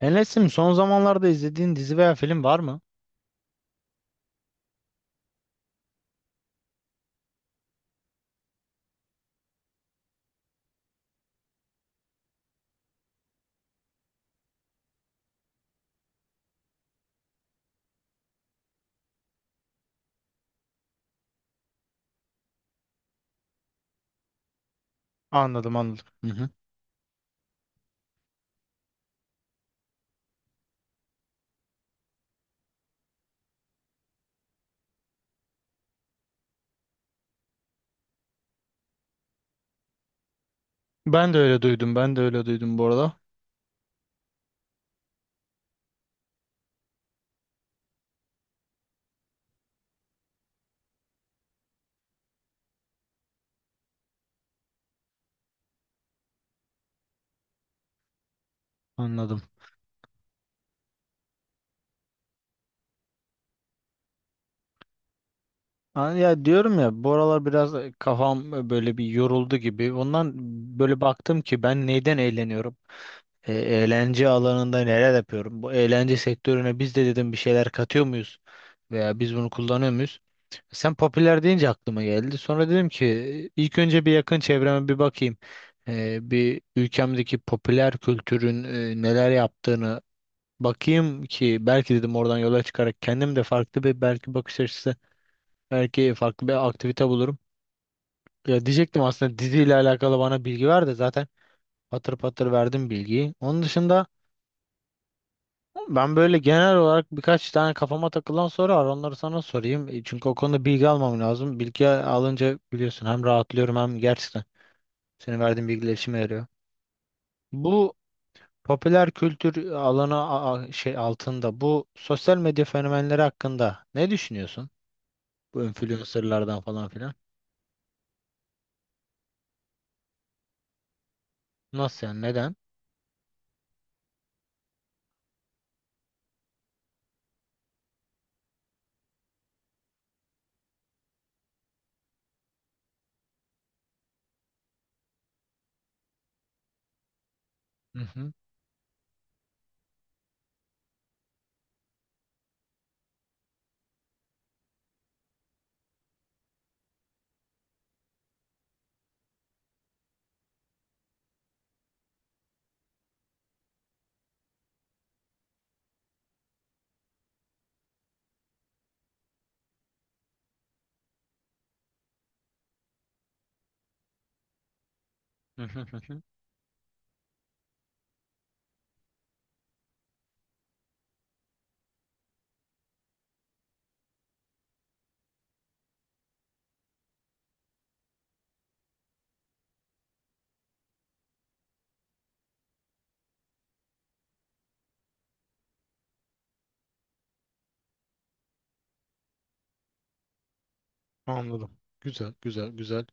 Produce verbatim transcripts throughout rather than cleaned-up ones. Enes'im son zamanlarda izlediğin dizi veya film var mı? Anladım, anladım. Hı hı. Ben de öyle duydum. Ben de öyle duydum bu arada. Anladım. Ha, Ya diyorum ya, bu aralar biraz e, kafam e, böyle bir yoruldu gibi. Ondan böyle baktım ki, ben neyden eğleniyorum? E, eğlence alanında neler yapıyorum? Bu eğlence sektörüne biz de dedim, bir şeyler katıyor muyuz? Veya biz bunu kullanıyor muyuz? Sen popüler deyince aklıma geldi. Sonra dedim ki ilk önce bir yakın çevreme bir bakayım. Ee, bir ülkemdeki popüler kültürün e, neler yaptığını bakayım ki, belki dedim oradan yola çıkarak kendim de farklı bir belki bakış açısı, belki farklı bir aktivite bulurum. Ya diyecektim aslında, diziyle alakalı bana bilgi ver de zaten patır patır verdim bilgiyi. Onun dışında ben böyle genel olarak birkaç tane kafama takılan soru var. Onları sana sorayım. E, Çünkü o konuda bilgi almam lazım. Bilgi alınca biliyorsun, hem rahatlıyorum hem gerçekten senin verdiğin bilgiler işime yarıyor. Bu popüler kültür alanı a- a- şey altında, bu sosyal medya fenomenleri hakkında ne düşünüyorsun? Bu influencerlardan falan filan. Nasıl yani? Neden? Hı hı. Anladım. Güzel, güzel, güzel.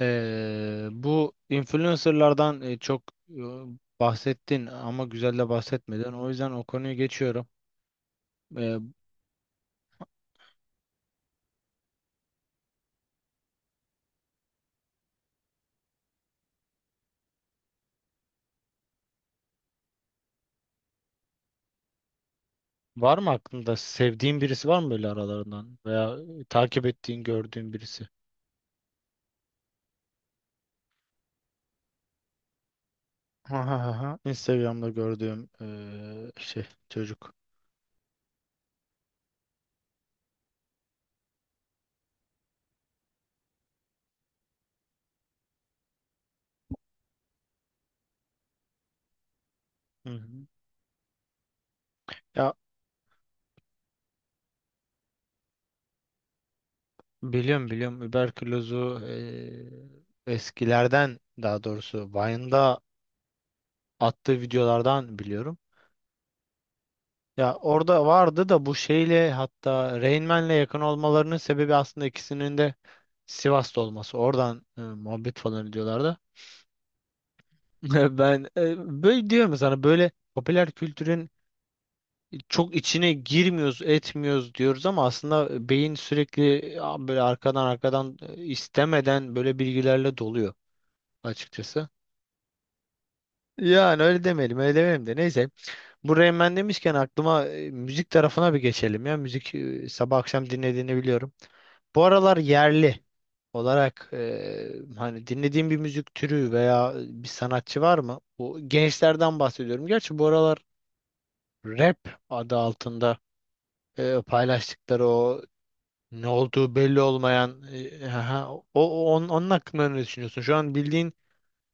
Ee, bu influencerlardan e, çok e, bahsettin ama güzel de bahsetmeden. O yüzden o konuyu geçiyorum. Ee, Var mı aklında sevdiğin birisi var mı böyle aralarından, veya e, takip ettiğin, gördüğün birisi? Ha ha ha, ha. Instagram'da gördüğüm eee, şey çocuk. Hı hı. Ya biliyorum, biliyorum überkülozu, eee, eskilerden, daha doğrusu Vine'da attığı videolardan biliyorum. Ya orada vardı da bu şeyle, hatta Rain Man'le yakın olmalarının sebebi aslında ikisinin de Sivas'ta olması. Oradan e, muhabbet falan ediyorlar da. Ben e, böyle diyorum ya sana, böyle popüler kültürün çok içine girmiyoruz, etmiyoruz diyoruz ama aslında beyin sürekli ya, böyle arkadan arkadan e, istemeden böyle bilgilerle doluyor açıkçası. Yani öyle demeyelim, öyle demeyelim de, neyse. Bu Rain Man demişken aklıma e, müzik tarafına bir geçelim ya. Müzik e, sabah akşam dinlediğini biliyorum. Bu aralar yerli olarak e, hani dinlediğim bir müzik türü veya e, bir sanatçı var mı? Bu gençlerden bahsediyorum. Gerçi bu aralar rap adı altında e, paylaştıkları o ne olduğu belli olmayan e, aha, o, o- onun, onun hakkında ne düşünüyorsun? Şu an bildiğin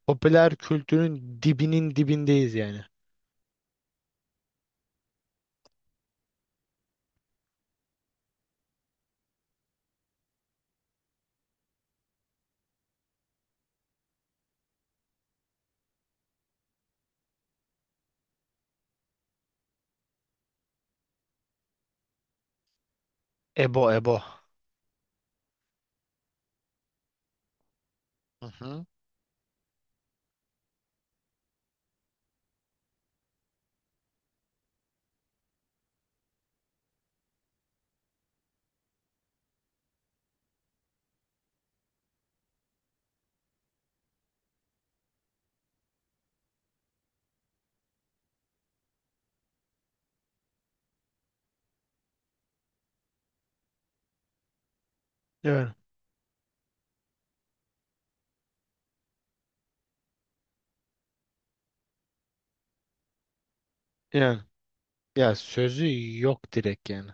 popüler kültürün dibinin dibindeyiz yani. Ebo, Ebo. Hı hı. Evet. Yani. Ya sözü yok direkt yani.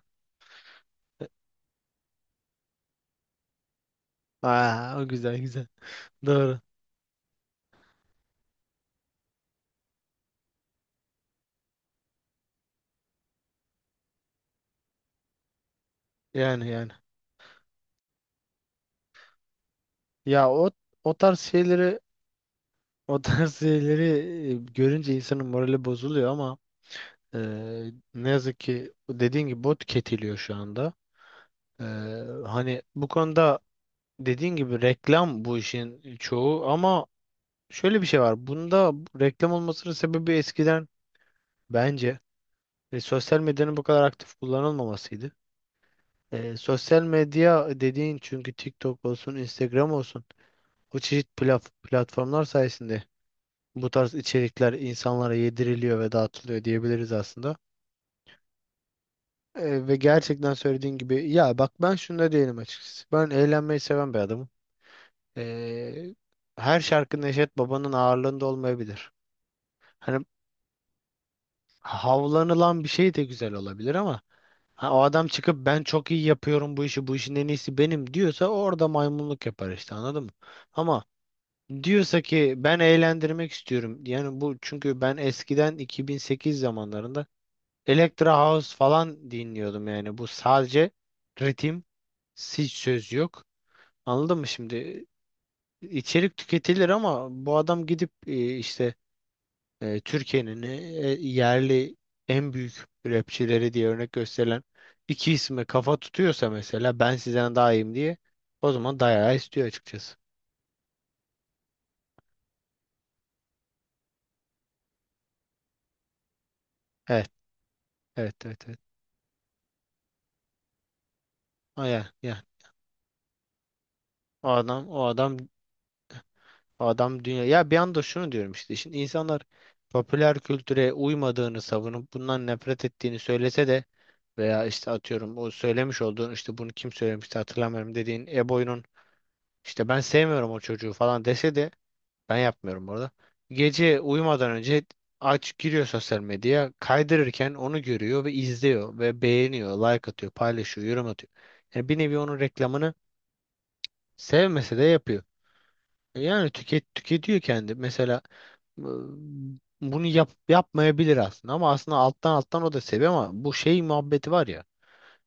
Aa, o güzel, güzel. Doğru. Yani, yani. Ya o, o tarz şeyleri, o tarz şeyleri e, görünce insanın morali bozuluyor ama e, ne yazık ki dediğin gibi bot tüketiliyor şu anda. E, Hani bu konuda dediğin gibi reklam bu işin çoğu ama şöyle bir şey var. Bunda reklam olmasının sebebi eskiden bence e, sosyal medyanın bu kadar aktif kullanılmamasıydı. Ee, sosyal medya dediğin çünkü TikTok olsun, Instagram olsun bu çeşit plaf- platformlar sayesinde bu tarz içerikler insanlara yediriliyor ve dağıtılıyor diyebiliriz aslında. Ee, ve gerçekten söylediğin gibi, ya bak, ben şunda değilim açıkçası. Ben eğlenmeyi seven bir adamım. Ee, Her şarkı Neşet Baba'nın ağırlığında olmayabilir. Hani havlanılan bir şey de güzel olabilir ama ha, o adam çıkıp ben çok iyi yapıyorum bu işi, bu işin en iyisi benim diyorsa orada maymunluk yapar işte, anladın mı? Ama diyorsa ki ben eğlendirmek istiyorum. Yani bu çünkü ben eskiden iki bin sekiz zamanlarında Electra House falan dinliyordum yani. Bu sadece ritim, hiç söz yok. Anladın mı şimdi? İçerik tüketilir ama bu adam gidip e, işte e, Türkiye'nin e, e, yerli en büyük rapçileri diye örnek gösterilen iki isme kafa tutuyorsa, mesela ben sizden daha iyiyim diye, o zaman dayağı istiyor açıkçası. Evet, evet, evet, evet. Aya. O adam, o adam, o adam dünya. Ya bir anda şunu diyorum işte. Şimdi insanlar popüler kültüre uymadığını savunup bundan nefret ettiğini söylese de, veya işte atıyorum o söylemiş olduğun, işte bunu kim söylemişti hatırlamıyorum, dediğin Eboy'un işte ben sevmiyorum o çocuğu falan dese de ben yapmıyorum orada. Gece uyumadan önce aç giriyor sosyal medyaya, kaydırırken onu görüyor ve izliyor ve beğeniyor, like atıyor, paylaşıyor, yorum atıyor. Yani bir nevi onun reklamını sevmese de yapıyor. E, Yani tüket tüketiyor kendi. Mesela e, bunu yap, yapmayabilir aslında, ama aslında alttan alttan o da seviyor, ama bu şey muhabbeti var ya,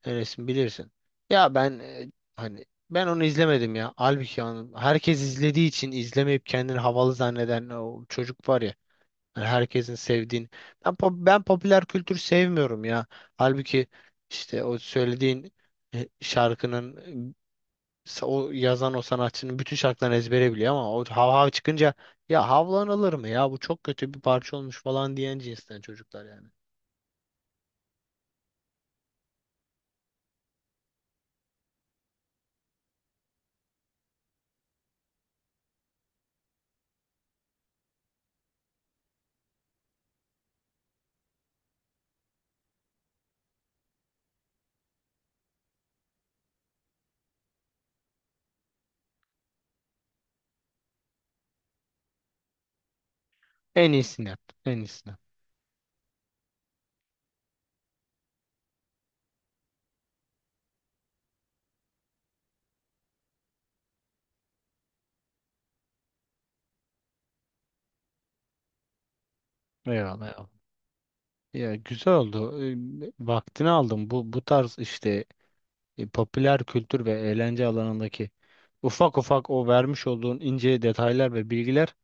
Enes'in bilirsin. Ya ben e, hani ben onu izlemedim ya. Halbuki onun- herkes izlediği için izlemeyip kendini havalı zanneden o çocuk var ya. Hani herkesin sevdiğini. Ben, pop- ben popüler kültür sevmiyorum ya. Halbuki işte o söylediğin e, şarkının sa- o yazan o sanatçının bütün şarkılarını ezbere biliyor ama o hav hav çıkınca, ya havlan alır mı ya, bu çok kötü bir parça olmuş falan diyen cinsten çocuklar yani. En iyisini yap. En iyisini yap. Eyvallah, eyvallah. Ya güzel oldu. Ee, Vaktini aldım. Bu bu tarz işte e, popüler kültür ve eğlence alanındaki ufak ufak o vermiş olduğun ince detaylar ve bilgiler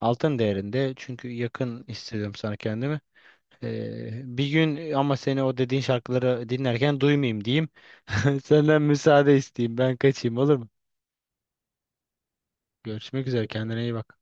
altın değerinde. Çünkü yakın hissediyorum sana kendimi. Ee, bir gün ama seni o dediğin şarkıları dinlerken duymayayım diyeyim. Senden müsaade isteyeyim. Ben kaçayım, olur mu? Görüşmek üzere. Kendine iyi bak.